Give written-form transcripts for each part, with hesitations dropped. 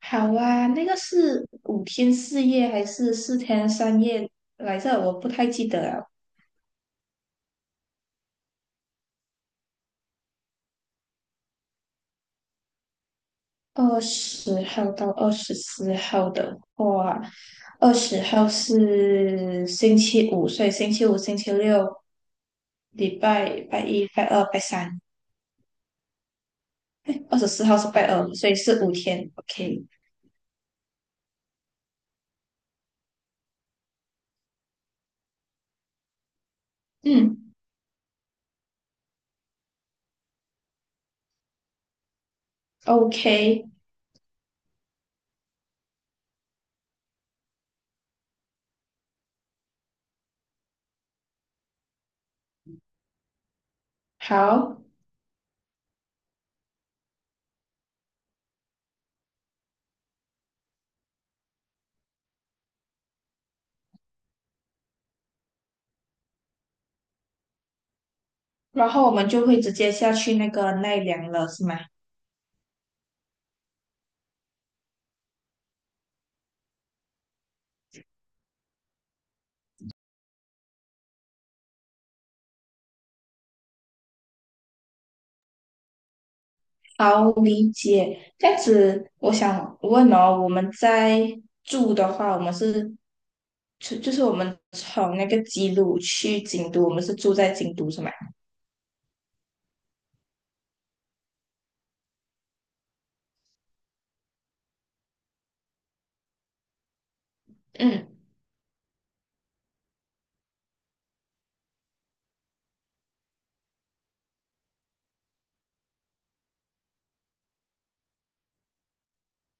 好啊，那个是5天4夜还是4天3夜来着？我不太记得了。二十号到二十四号的话，二十号是星期五，所以星期五、星期六、拜一、拜二、拜三。二十四号是拜二，所以是五天。OK，嗯，OK，好。然后我们就会直接下去那个奈良了，是吗？好，理解。这样子，我想问哦，我们在住的话，我们是就是我们从那个吉鲁去京都，我们是住在京都是吗？嗯，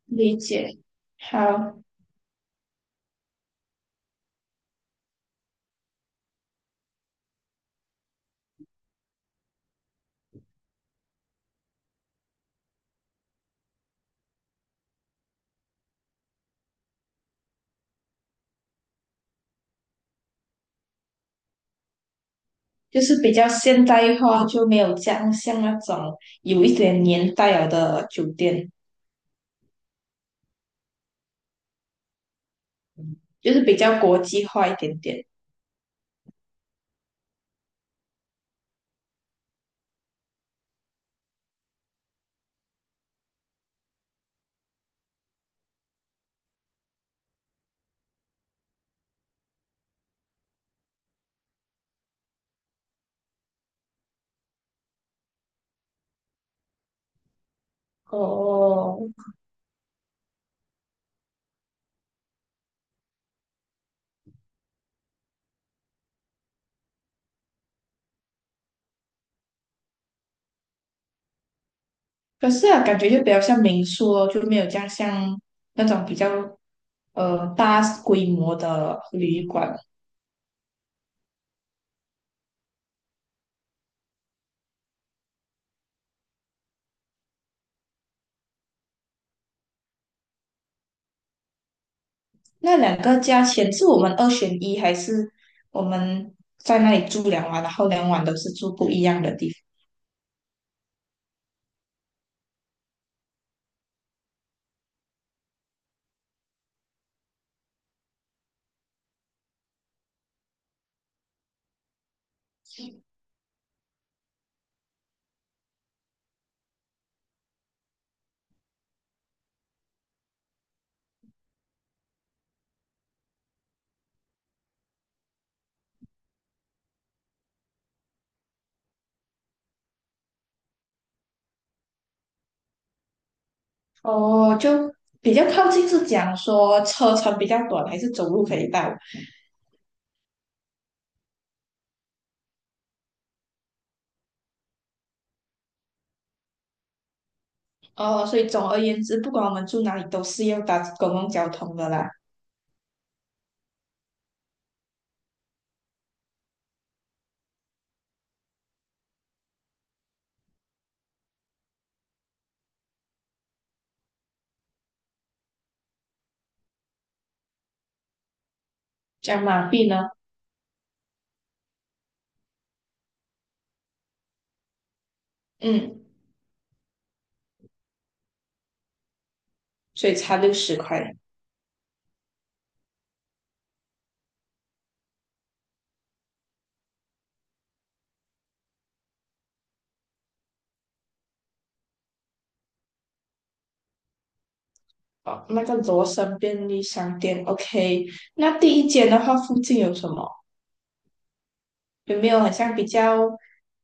理解，好，就是比较现代化，就没有这样像那种有一点年代了的酒店，就是比较国际化一点点。哦，可是啊，感觉就比较像民宿哦，就没有这样像那种比较大规模的旅馆。那两个价钱是我们二选一，还是我们在那里住两晚，然后两晚都是住不一样的地方？哦，就比较靠近是讲说车程比较短，还是走路可以到？哦，所以总而言之，不管我们住哪里，都是要搭公共交通的啦。这样马币呢？嗯，所以差60块。哦，那个罗森便利商店，OK。那第一间的话，附近有什么？有没有很像比较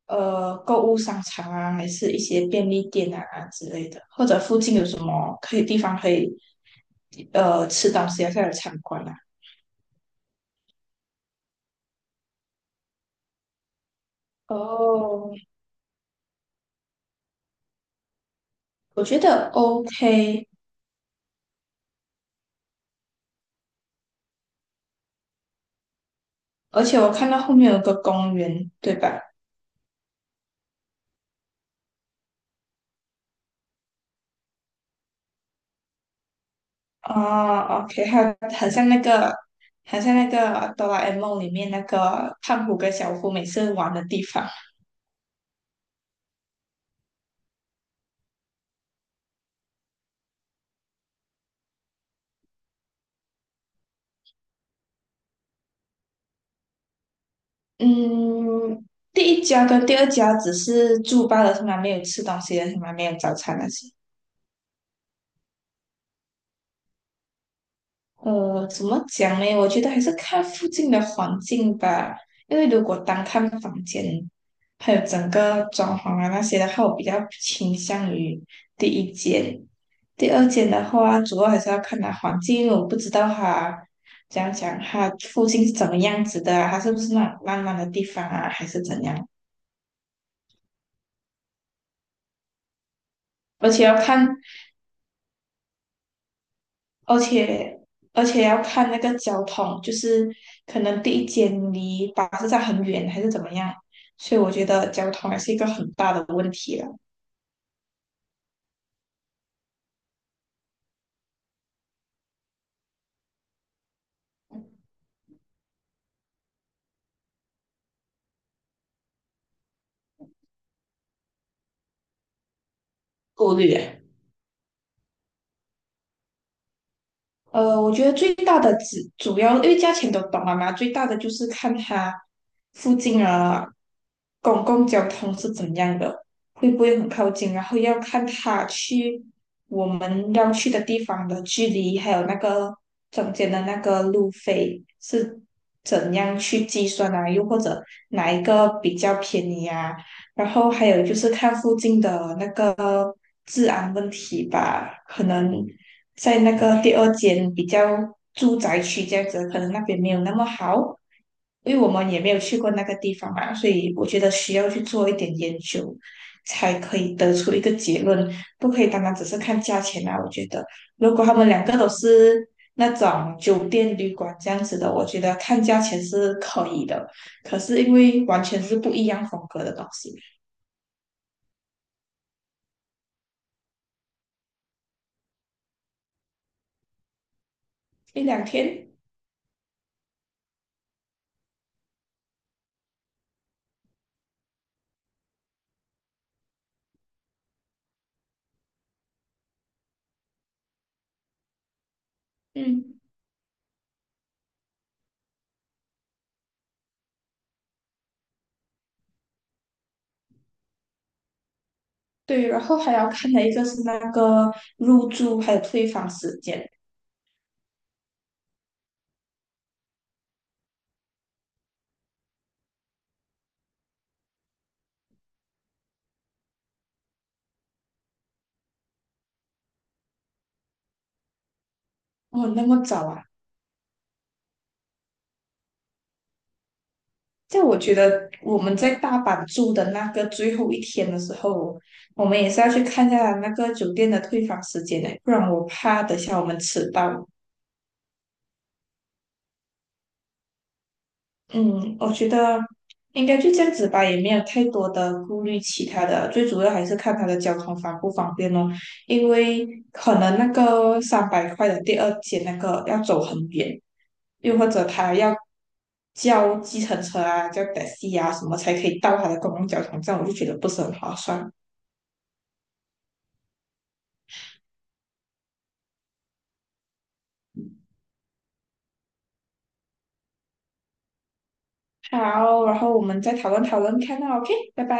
购物商场啊，还是一些便利店啊之类的？或者附近有什么可以地方可以吃东西啊，或者参观啊？哦，我觉得 OK。而且我看到后面有个公园，对吧？哦 o k， 还有很像那个，很像那个哆啦 A 梦里面那个胖虎跟小夫每次玩的地方。嗯，第一家跟第二家只是住罢了，从来没有吃东西的，从来没有早餐那些。怎么讲呢？我觉得还是看附近的环境吧，因为如果单看房间，还有整个装潢啊那些的话，我比较倾向于第一间。第二间的话，主要还是要看它环境，因为我不知道它怎样讲，它附近是怎么样子的啊，它是不是那种烂烂的地方啊，还是怎样？而且要看。而且而且要看那个交通，就是可能第一间离巴士站很远，还是怎么样，所以我觉得交通还是一个很大的问题了，顾虑。我觉得最大的只主要因为价钱都懂了嘛，最大的就是看它附近啊，公共交通是怎样的，会不会很靠近，然后要看它去我们要去的地方的距离，还有那个中间的那个路费是怎样去计算啊，又或者哪一个比较便宜啊，然后还有就是看附近的那个治安问题吧，可能在那个第二间比较住宅区这样子，可能那边没有那么好，因为我们也没有去过那个地方嘛，所以我觉得需要去做一点研究，才可以得出一个结论，不可以单单只是看价钱啊。我觉得如果他们两个都是那种酒店旅馆这样子的，我觉得看价钱是可以的。可是因为完全是不一样风格的东西，一两天，嗯，对，然后还要看的一个是那个入住还有退房时间，哦，那么早啊！在我觉得我们在大阪住的那个最后一天的时候，我们也是要去看一下那个酒店的退房时间的，不然我怕等下我们迟到。嗯，我觉得应该就这样子吧，也没有太多的顾虑其他的，最主要还是看它的交通方不方便咯。因为可能那个300块的第二节那个要走很远，又或者他要叫计程车啊、叫 taxi 啊什么才可以到他的公共交通站，我就觉得不是很划算。好，然后我们再讨论讨论看啊，OK，拜拜。